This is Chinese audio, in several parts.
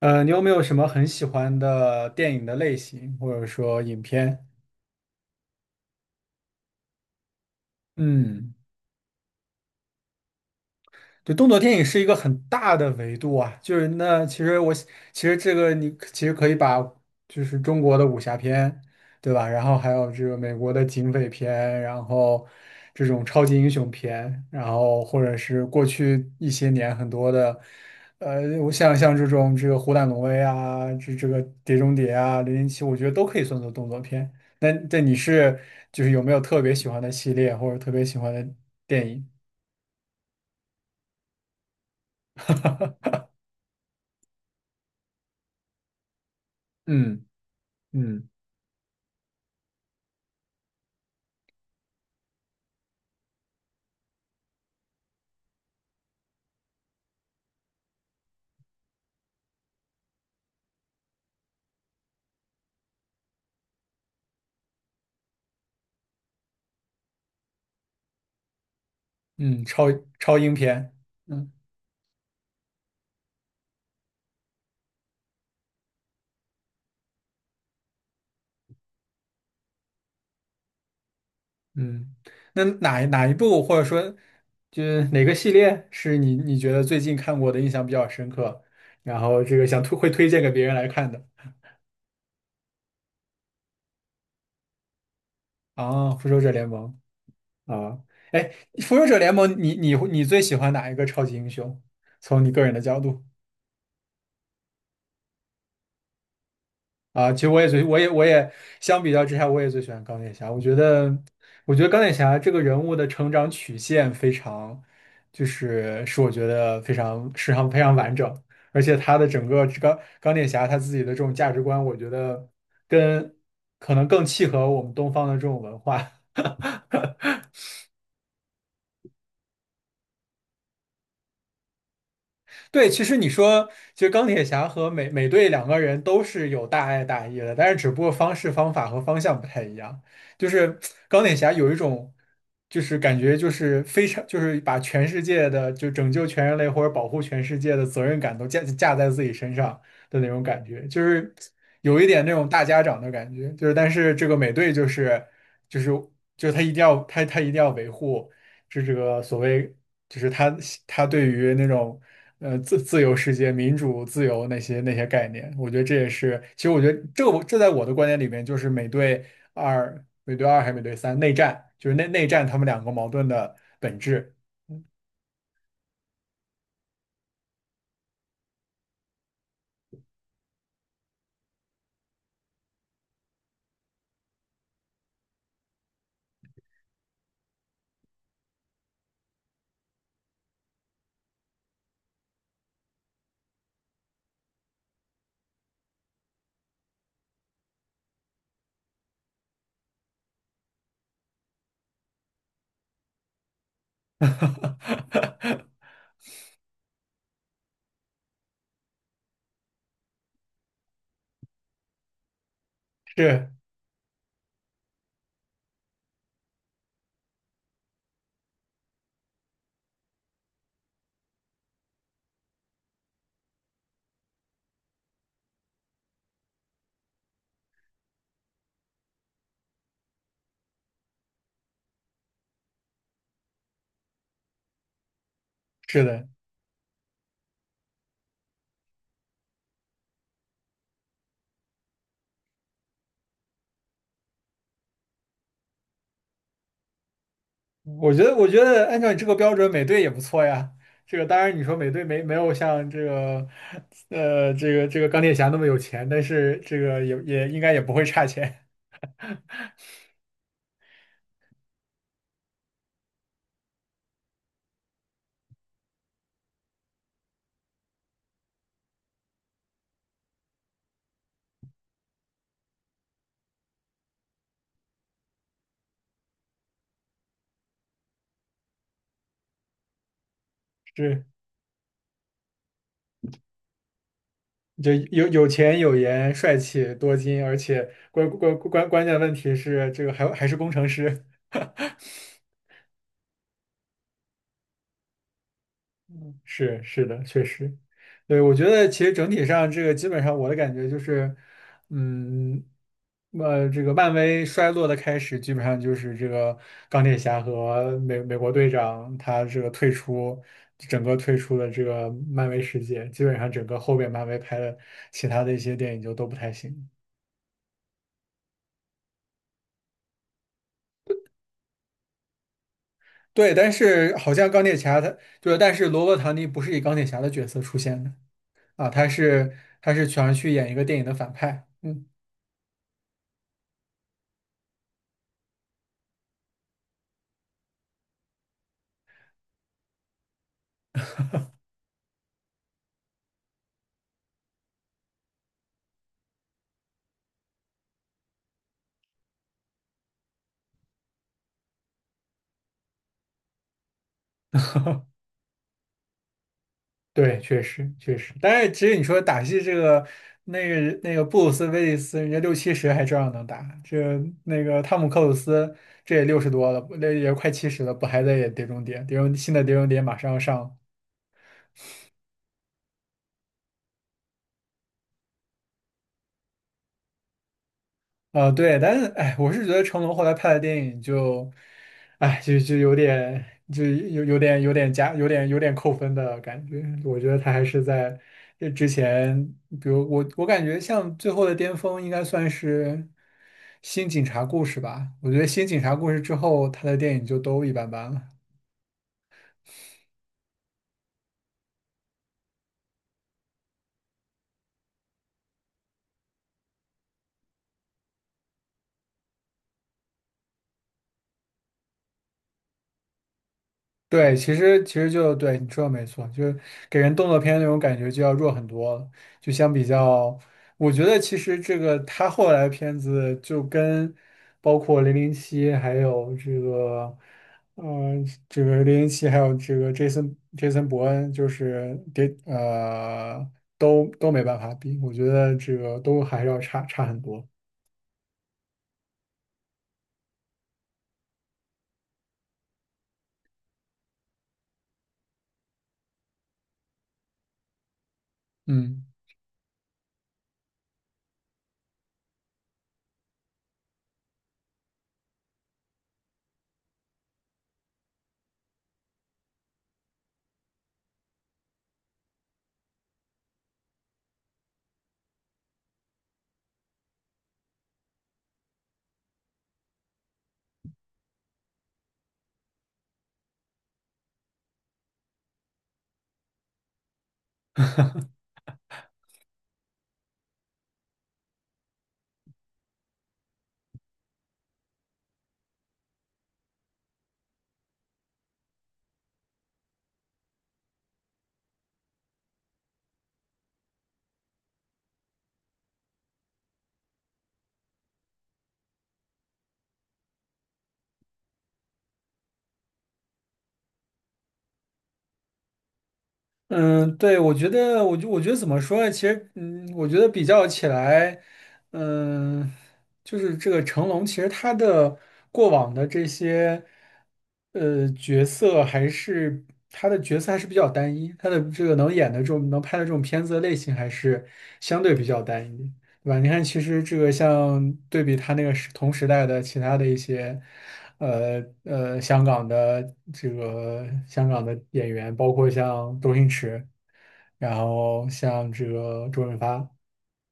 你有没有什么很喜欢的电影的类型，或者说影片？嗯。对，动作电影是一个很大的维度啊，就是那其实我其实这个你其实可以把就是中国的武侠片，对吧？然后还有这个美国的警匪片，然后这种超级英雄片，然后或者是过去一些年很多的，像这种这个《虎胆龙威》啊，这个《碟中谍》啊，《零零七》，我觉得都可以算作动作片。那你是就是有没有特别喜欢的系列或者特别喜欢的电影？嗯嗯。嗯，超英片，嗯嗯，那哪一部或者说就是哪个系列是你觉得最近看过的印象比较深刻，然后这个想推荐给别人来看的？啊，《复仇者联盟》啊，哎，《复仇者联盟》你最喜欢哪一个超级英雄？从你个人的角度。啊，其实我也最，我也我也相比较之下，我也最喜欢钢铁侠。我觉得钢铁侠这个人物的成长曲线非常，就是是我觉得非常非常非常完整，而且他的整个这个钢铁侠他自己的这种价值观，我觉得跟可能更契合我们东方的这种文化。对，其实钢铁侠和美队两个人都是有大爱大义的，但是只不过方式方法和方向不太一样。就是钢铁侠有一种感觉就是非常就是把全世界的就拯救全人类或者保护全世界的责任感都架在自己身上的那种感觉，就是有一点那种大家长的感觉。但是这个美队就是就是就是他一定要他他一定要维护。是这个所谓就是他对于那种自由世界、民主、自由那些那些概念，我觉得这也是，其实我觉得这我这在我的观点里面，就是美队二还是美队三内战，就是内战他们两个矛盾的本质。是是的。我觉得我觉得按照你这个标准，美队也不错呀。这个当然，你说美队没有像这个，这个钢铁侠那么有钱，但是这个也应该也不会差钱，是。就有有钱有颜帅气多金，而且关键问题是这个还是工程师。是是的，确实。对，我觉得其实整体上这个基本上我的感觉就是，嗯，这个漫威衰落的开始基本上就是这个钢铁侠和美国队长他这个退出，整个退出了这个漫威世界，基本上整个后边漫威拍的其他的一些电影就都不太行。对，但是好像钢铁侠他就是，但是罗伯·唐尼不是以钢铁侠的角色出现的啊，他是全去演一个电影的反派。嗯，对，确实。但是其实你说打戏这个，那个布鲁斯·威利斯，人家六七十还照样能打，这那个汤姆·克鲁斯这也六十多了，那也快七十了，不还在演《碟中谍》？《碟中谍》马上要上。对，但是哎，我是觉得成龙后来拍的电影就，有点，有点有点加，有点扣分的感觉。我觉得他还是在这之前，比如我感觉像最后的巅峰应该算是《新警察故事》吧。我觉得《新警察故事》之后，他的电影就都一般般了。对，其实对你说的没错，就是给人动作片那种感觉就要弱很多了。就相比较，我觉得其实这个他后来的片子就跟包括《零零七》还有这个，《零零七》还有这个 Jason 伯恩，就是给呃都没办法比，我觉得这个都还是要差很多。嗯。嗯，对，我觉得怎么说呢？其实，嗯，我觉得比较起来，嗯，就是这个成龙，其实他的过往的这些，呃，角色还是他的角色还是比较单一，他的这个能演的这种能拍的这种片子的类型还是相对比较单一。对吧？你看，其实这个像对比他那个同时代的其他的一些，呃呃，香港的这个香港的演员，包括像周星驰，然后像这个周润发。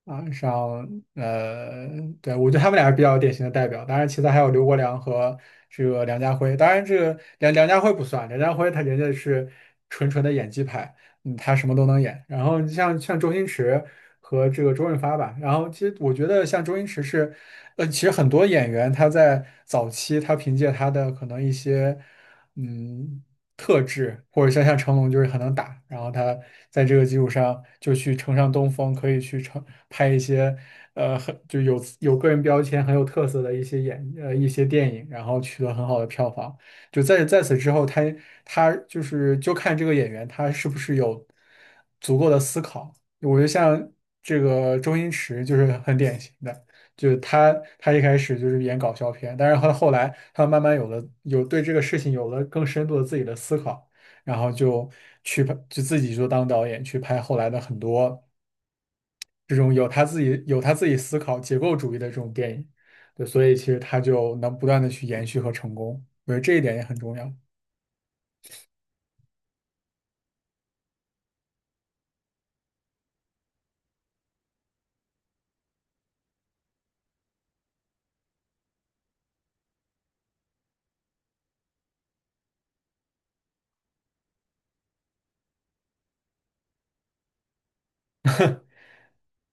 啊，上呃，对，我觉得他们俩是比较典型的代表。当然，其他还有刘国梁和这个梁家辉。当然，这个梁家辉不算，梁家辉他人家是纯纯的演技派，嗯，他什么都能演。然后你像周星驰和这个周润发吧，然后其实我觉得像周星驰是，呃，其实很多演员他在早期他凭借他的可能一些，嗯，特质，或者像成龙就是很能打，然后他在这个基础上就去乘上东风，可以去拍一些呃很就有个人标签很有特色的一些电影，然后取得很好的票房。就在在此之后，他他就是就看这个演员他是不是有足够的思考。我觉得像这个周星驰就是很典型的。就是他，他一开始就是演搞笑片，但是他后来他慢慢有了有对这个事情有了更深度的自己的思考，然后就去拍，就自己就当导演去拍后来的很多这种有他自己有他自己思考结构主义的这种电影。对，所以其实他就能不断的去延续和成功，我觉得这一点也很重要。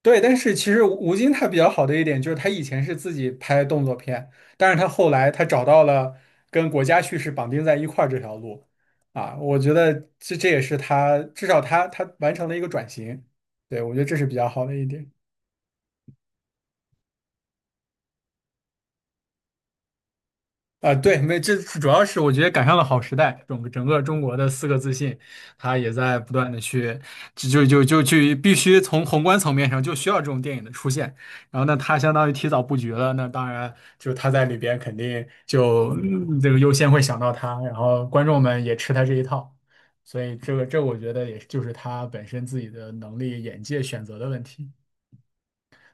对，但是其实吴京他比较好的一点就是他以前是自己拍动作片，但是他后来他找到了跟国家叙事绑定在一块儿这条路。啊，我觉得这这也是他至少他完成了一个转型。对，我觉得这是比较好的一点。啊，对，没，这主要是我觉得赶上了好时代，整个中国的四个自信，他也在不断的去，就就就就去必须从宏观层面上就需要这种电影的出现，然后呢，他相当于提早布局了，那当然就他在里边肯定就嗯这个优先会想到他，然后观众们也吃他这一套，所以这个这我觉得也就是他本身自己的能力眼界选择的问题。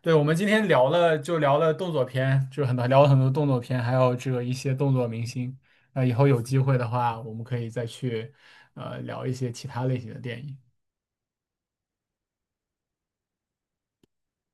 对，我们今天聊了动作片，就是很多聊了很多动作片，还有这个一些动作明星。那以后有机会的话，我们可以再去聊一些其他类型的电影。